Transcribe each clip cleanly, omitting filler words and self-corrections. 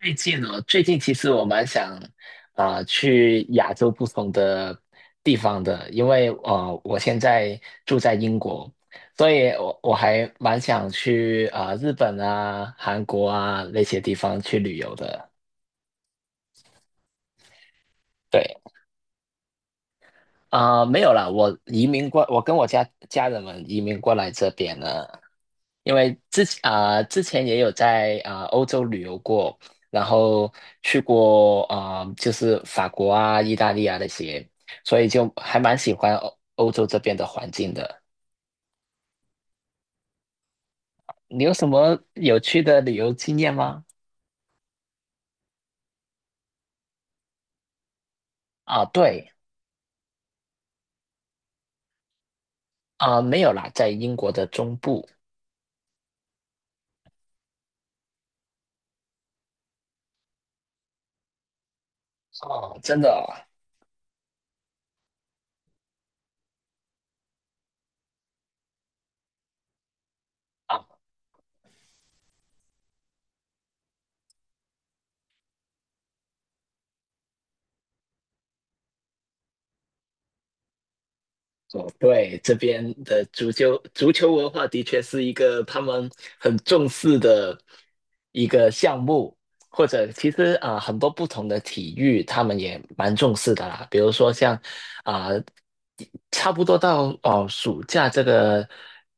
最近哦，最近其实我蛮想去亚洲不同的地方的，因为啊我现在住在英国，所以我还蛮想去日本啊、韩国啊那些地方去旅游的。对。没有啦，我移民过，我跟我家人们移民过来这边了，因为之前也有在欧洲旅游过，然后去过就是法国啊、意大利啊那些，所以就还蛮喜欢欧洲这边的环境的。你有什么有趣的旅游经验吗？啊，对。没有啦，在英国的中部。哦，真的啊。哦，对，这边的足球文化的确是一个他们很重视的一个项目，或者其实很多不同的体育他们也蛮重视的啦。比如说像啊、呃差不多到暑假这个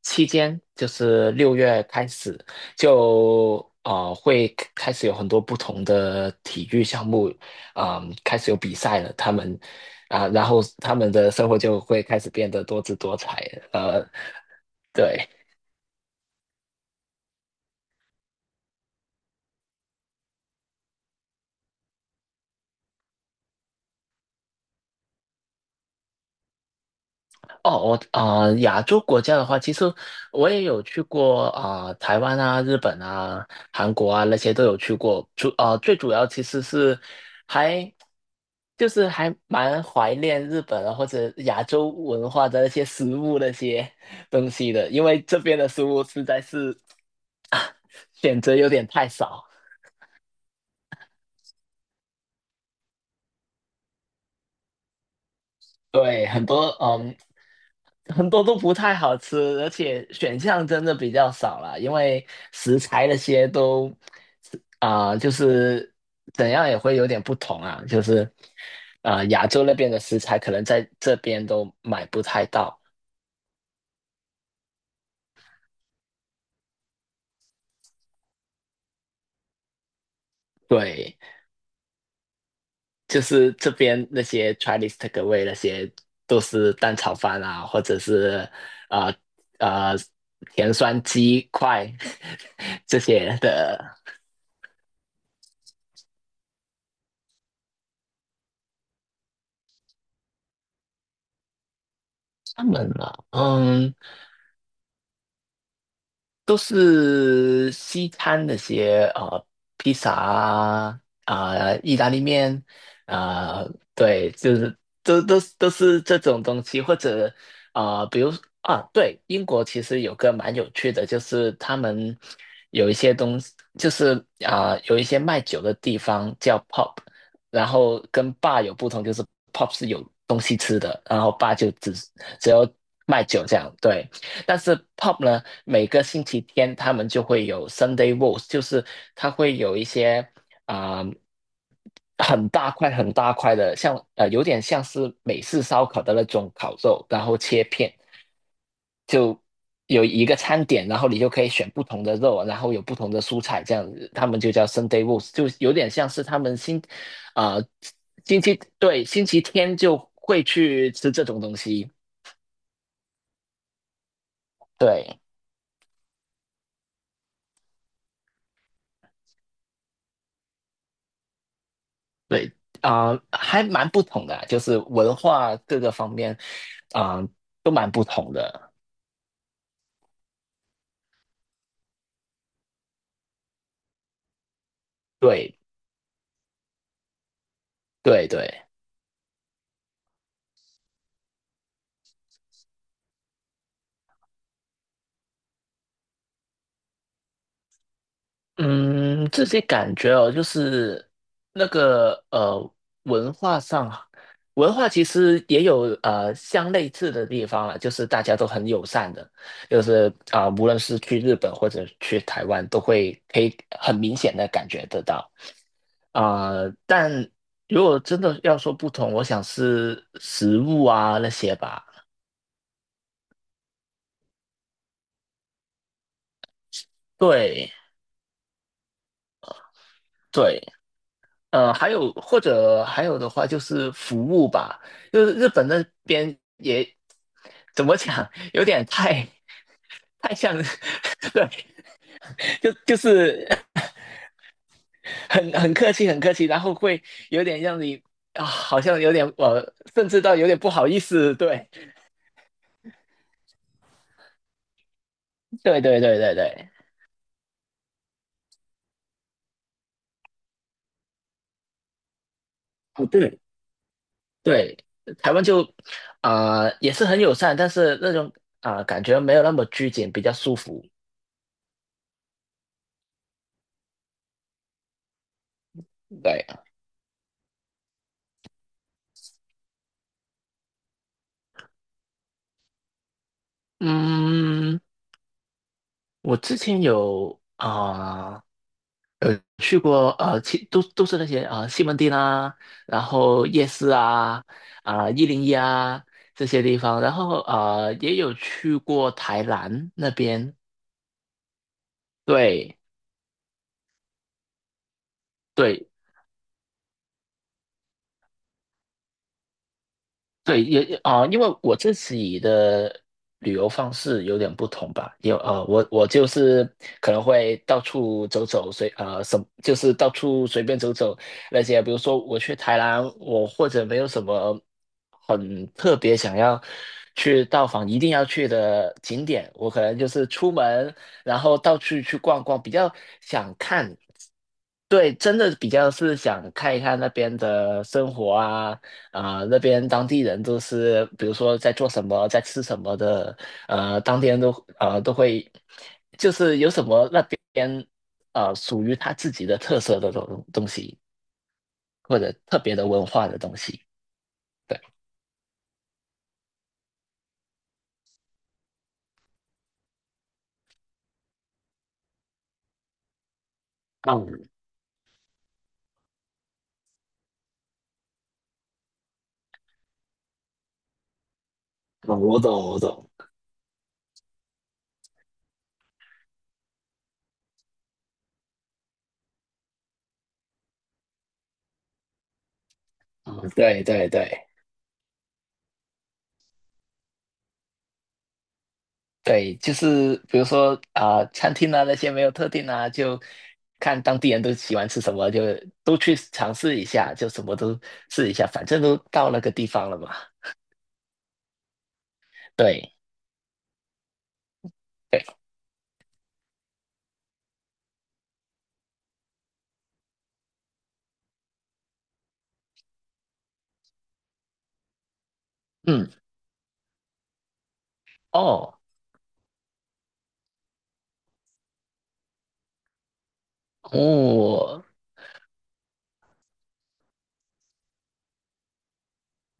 期间，就是6月开始就会开始有很多不同的体育项目开始有比赛了，他们。啊，然后他们的生活就会开始变得多姿多彩。呃，对。哦，我亚洲国家的话，其实我也有去过台湾啊、日本啊、韩国啊那些都有去过。最主要其实是还就是还蛮怀念日本啊或者亚洲文化的那些食物那些东西的，因为这边的食物实在是选择有点太少。对，很多都不太好吃，而且选项真的比较少了，因为食材那些都就是怎样也会有点不同啊，就是亚洲那边的食材可能在这边都买不太到。对，就是这边那些 Chinese takeaway 那些都是蛋炒饭啊，或者是啊啊、呃呃甜酸鸡块 这些的。他们啊，都是西餐那些披萨啊，意大利面啊、对，就是都是这种东西，或者比如啊，对，英国其实有个蛮有趣的，就是他们有一些东西，就是有一些卖酒的地方叫 pub，然后跟 bar 有不同，就是 pub 是有东西吃的，然后 bar 就只有卖酒这样，对。但是 p o p 呢，每个星期天他们就会有 Sunday w o a s t， 就是它会有一些啊、呃很大块很大块的，像有点像是美式烧烤的那种烤肉，然后切片，就有一个餐点，然后你就可以选不同的肉，然后有不同的蔬菜这样子，他们就叫 Sunday w o a s t， 就有点像是他们啊、呃星期对星期天就会去吃这种东西。对。对，还蛮不同的啊就是文化各个方面啊、呃都蛮不同的。对对对。嗯，自己感觉哦，就是那个文化上，文化其实也有相类似的地方了，就是大家都很友善的，就是无论是去日本或者去台湾，都会可以很明显的感觉得到。啊、但如果真的要说不同，我想是食物啊那些吧。对对。还有或者还有的话就是服务吧，就是日本那边也怎么讲，有点太像，对，就是很客气，很客气，然后会有点让你啊，好像有点甚至到有点不好意思，对，对对对对对，不对，对，台湾就也是很友善，但是那种感觉没有那么拘谨，比较舒服。对。嗯。我之前有去过都是那些西门町啊，然后夜市啊，101啊这些地方，然后也有去过台南那边。对对。对，也也啊、因为我自己的旅游方式有点不同吧，有啊，我就是可能会到处走走，就是到处随便走走那些，比如说我去台南，我或者没有什么很特别想要去到访一定要去的景点，我可能就是出门，然后到处去逛逛，比较想看。对，真的比较是想看一看那边的生活啊，那边当地人都是，比如说在做什么，在吃什么的，当天都会，就是有什么那边属于他自己的特色的东西，或者特别的文化的东西。对。嗯，嗯我懂，我懂。嗯，对对对。对，就是比如说餐厅啊那些没有特定啊，就看当地人都喜欢吃什么，就都去尝试一下，就什么都试一下，反正都到那个地方了嘛。对对。嗯。哦哦，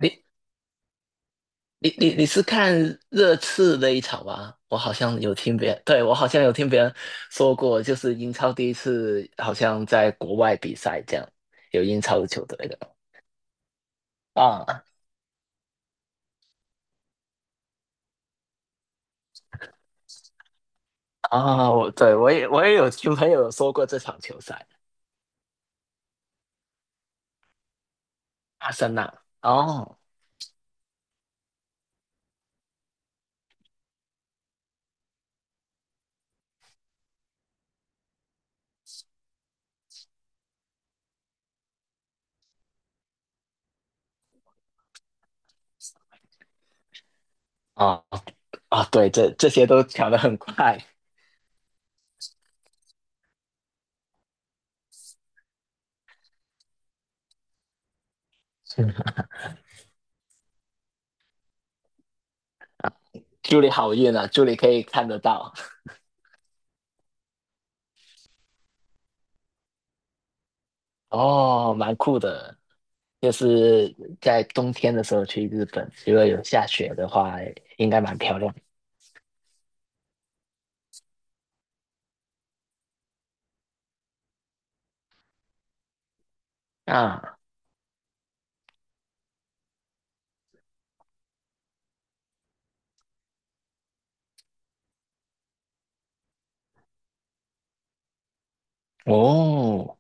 你你是看热刺那一场吗？我好像有听别人，对，我好像有听别人说过，就是英超第一次好像在国外比赛这样，有英超的球队的啊我对我也有听朋友说过这场球赛，阿森纳。哦。哦。啊，对，这些都抢得很快。祝你好运啊！祝你可以看得到。哦，蛮酷的，就是在冬天的时候去日本，如果有下雪的话，应该蛮漂亮啊。哦，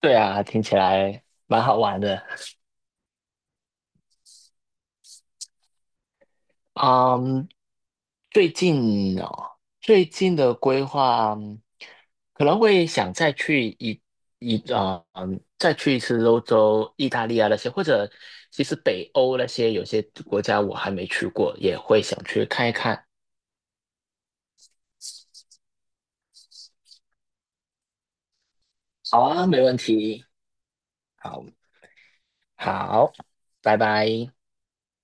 对啊，听起来蛮好玩的。嗯，最近哦，最近的规划可能会想再去一次欧洲、意大利啊那些，或者其实北欧那些有些国家我还没去过，也会想去看一看。好啊，没问题。好。好。拜拜。